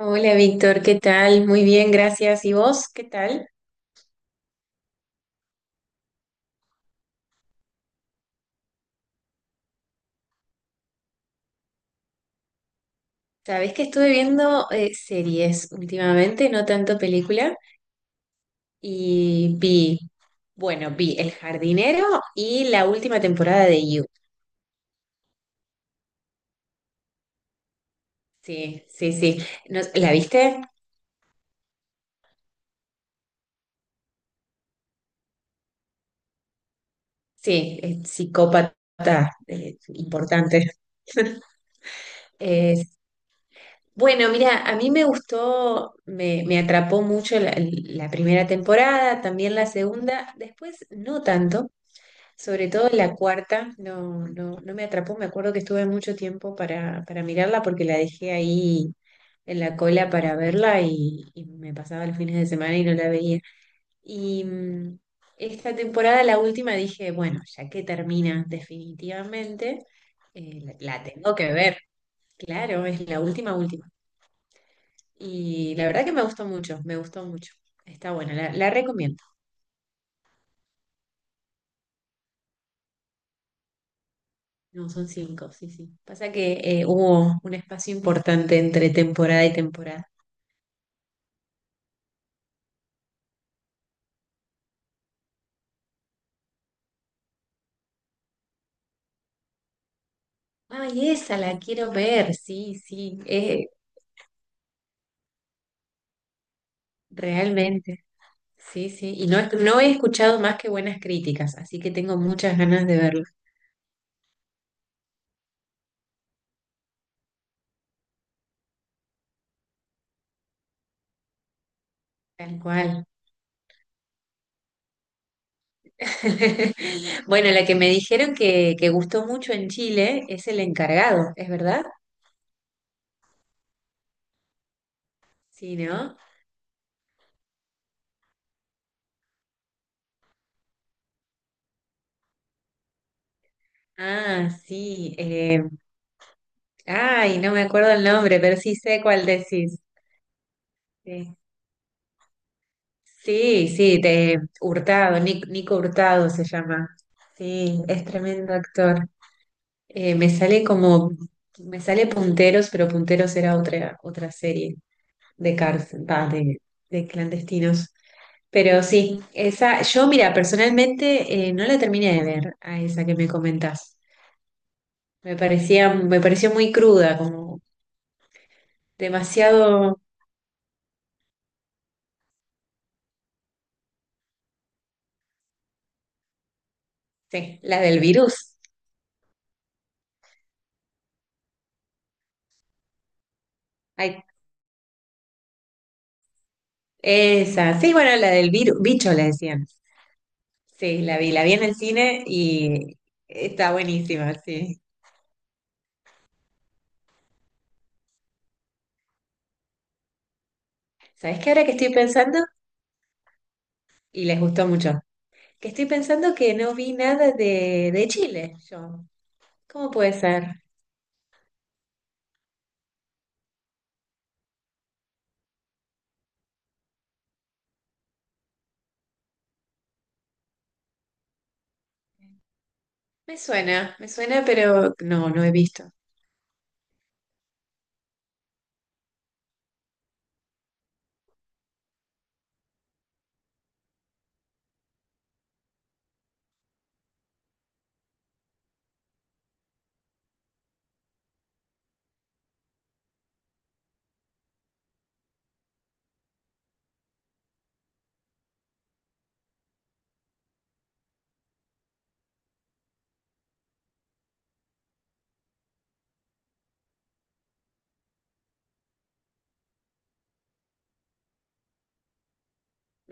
Hola Víctor, ¿qué tal? Muy bien, gracias. ¿Y vos? ¿Qué tal? Sabés que estuve viendo series últimamente, no tanto película, y vi, bueno, vi El Jardinero y la última temporada de You. Sí, sí, sí. ¿La viste? Sí, es psicópata, importante. Es- bueno, mira, a mí me gustó, me atrapó mucho la primera temporada, también la segunda, después no tanto. Sobre todo la cuarta, no, no, no me atrapó. Me acuerdo que estuve mucho tiempo para mirarla porque la dejé ahí en la cola para verla y me pasaba los fines de semana y no la veía. Y esta temporada, la última, dije, bueno, ya que termina definitivamente, la tengo que ver. Claro, es la última, última. Y la verdad que me gustó mucho, me gustó mucho. Está buena, la recomiendo. No, son cinco, sí, sí. Pasa que hubo un espacio importante entre temporada y temporada. Ay, esa la quiero ver, sí, sí, realmente, sí, sí. Y no, no he escuchado más que buenas críticas, así que tengo muchas ganas de verlo. Tal cual. Bueno, la que me dijeron que gustó mucho en Chile es El Encargado, ¿es verdad? Sí, ¿no? Ah, sí. Ay, no me acuerdo el nombre, pero sí sé cuál decís. Sí. Sí, sí, de Hurtado, Nico Hurtado se llama. Sí, es tremendo actor. Eh, me sale como, me sale Punteros, pero Punteros era otra serie de cárcel, va, de, clandestinos. Pero sí, esa, yo mira, personalmente no la terminé de ver a esa que me comentás. Me pareció muy cruda, como demasiado, sí, la del virus. Ay, esa, sí, bueno, la del virus, bicho la decían. Sí, la vi en el cine y está buenísima, sí. ¿Sabes qué ahora que estoy pensando? Y les gustó mucho. Que estoy pensando que no vi nada de Chile, yo. ¿Cómo puede ser? Me suena, pero no, no he visto.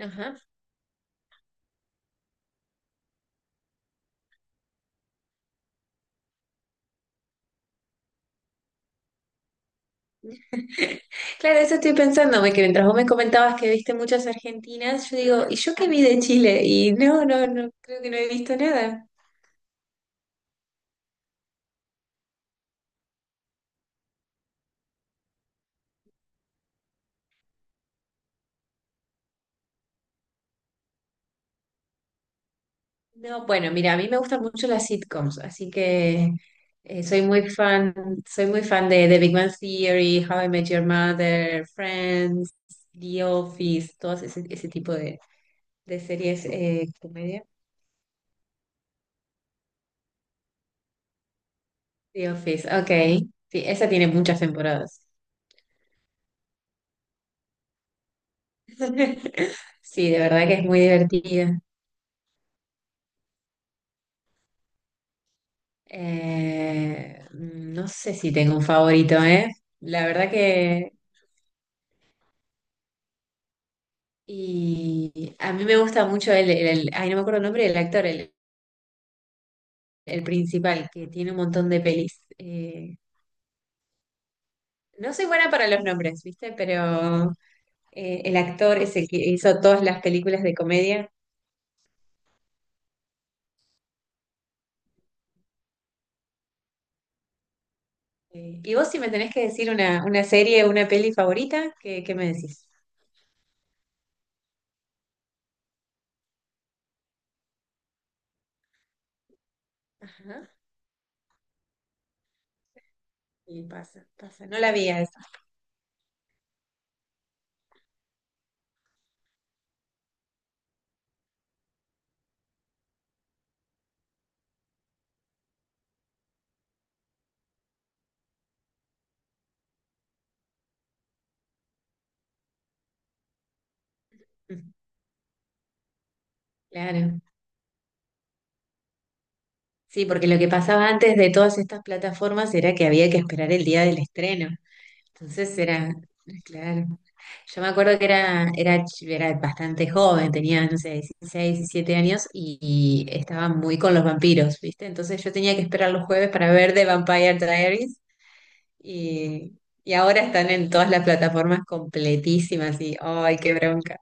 Ajá. Claro, eso estoy pensando, que mientras vos me comentabas que viste muchas argentinas, yo digo, ¿y yo qué vi de Chile? Y no, no, no, creo que no he visto nada. No, bueno, mira, a mí me gustan mucho las sitcoms, así que eh, soy muy fan, soy muy fan de, The Big Bang Theory, How I Met Your Mother, Friends, The Office, todos ese tipo de, series comedia. The Office, ok. Sí, esa tiene muchas temporadas. Sí, de verdad que es muy divertida. No sé si tengo un favorito, ¿eh? La verdad que. Y a mí me gusta mucho ay, no me acuerdo el nombre del actor, el principal, que tiene un montón de pelis. No soy buena para los nombres, ¿viste? Pero el actor es el que hizo todas las películas de comedia. Y vos, si me tenés que decir una serie, una peli favorita, ¿qué, me decís? Ajá. Y pasa, pasa. No la vi a esa. Mm, claro. Sí, porque lo que pasaba antes de todas estas plataformas era que había que esperar el día del estreno. Entonces era, claro. Yo me acuerdo que era bastante joven, tenía, no sé, 16 17 años y, estaba muy con los vampiros, ¿viste? Entonces yo tenía que esperar los jueves para ver The Vampire Diaries y, ahora están en todas las plataformas completísimas y, ¡ay, qué bronca!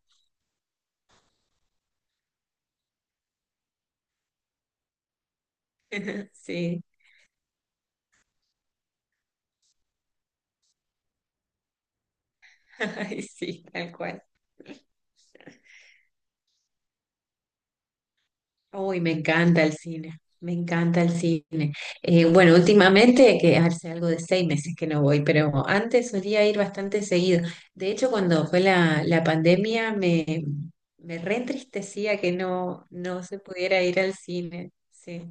Sí, ay, sí, tal cual. Uy, me encanta el cine, me encanta el cine. Bueno, últimamente, que hace algo de 6 meses que no voy, pero antes solía ir bastante seguido. De hecho, cuando fue la pandemia, me reentristecía que no, no se pudiera ir al cine. Sí.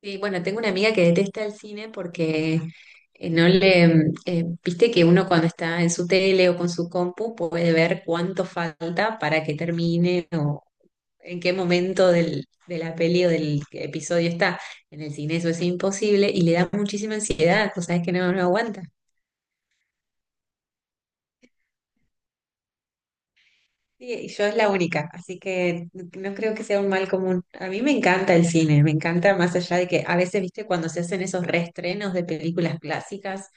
Sí, bueno, tengo una amiga que detesta el cine porque no le, viste que uno cuando está en su tele o con su compu puede ver cuánto falta para que termine o, en qué momento de la peli o del episodio está. En el cine eso es imposible y le da muchísima ansiedad, cosas que no, no aguanta. Sí, y yo es la única, así que no creo que sea un mal común. A mí me encanta el cine, me encanta más allá de que a veces, viste, cuando se hacen esos reestrenos de películas clásicas,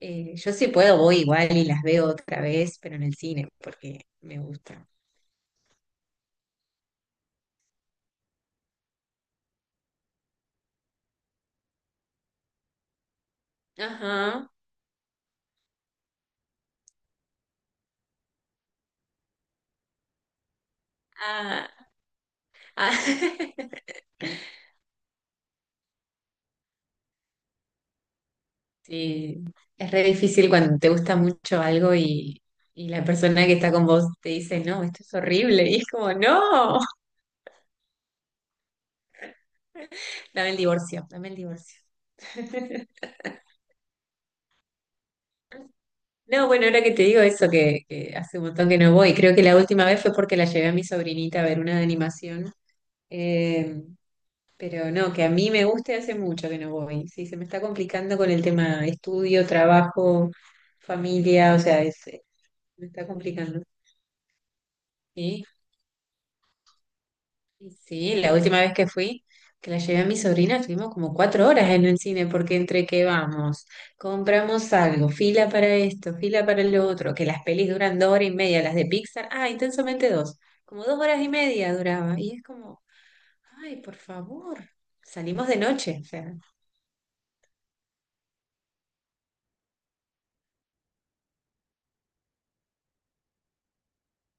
yo sí puedo, voy igual y las veo otra vez, pero en el cine, porque me gusta. Ajá. Ah, ah. Sí, es re difícil cuando te gusta mucho algo y, la persona que está con vos te dice, no, esto es horrible. Y es como, no, dame el divorcio, dame el divorcio. No, bueno, ahora que te digo eso, que hace un montón que no voy, creo que la última vez fue porque la llevé a mi sobrinita a ver una de animación. Eh, pero no, que a mí me guste hace mucho que no voy. Sí, se me está complicando con el tema estudio, trabajo, familia, o sea, me está complicando. Sí, sí, la última vez que fui, que la llevé a mi sobrina, estuvimos como 4 horas en el cine, porque entre que vamos, compramos algo, fila para esto, fila para lo otro, que las pelis duran 2 horas y media, las de Pixar, ah, Intensamente 2, como dos horas y media duraba, y es como, ay, por favor, salimos de noche, o sea,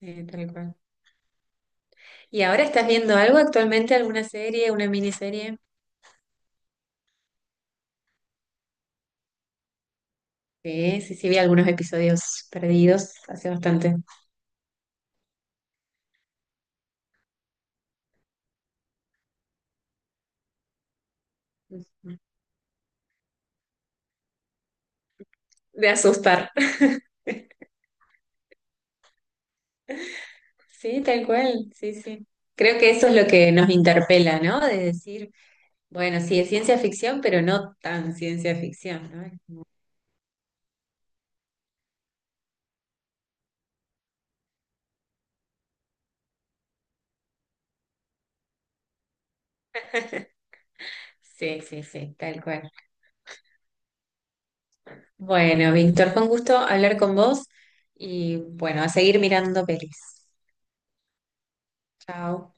tal cual. ¿Y ahora estás viendo algo actualmente, alguna serie, una miniserie? Sí, sí, sí, vi algunos episodios perdidos hace bastante, de asustar. Sí, tal cual, sí, sí. Creo que eso es lo que nos interpela, ¿no? De decir, bueno, sí, es ciencia ficción, pero no tan ciencia ficción, ¿no? Sí, sí, sí, tal cual. Bueno, Víctor, fue un gusto hablar con vos y bueno, a seguir mirando pelis. Chao.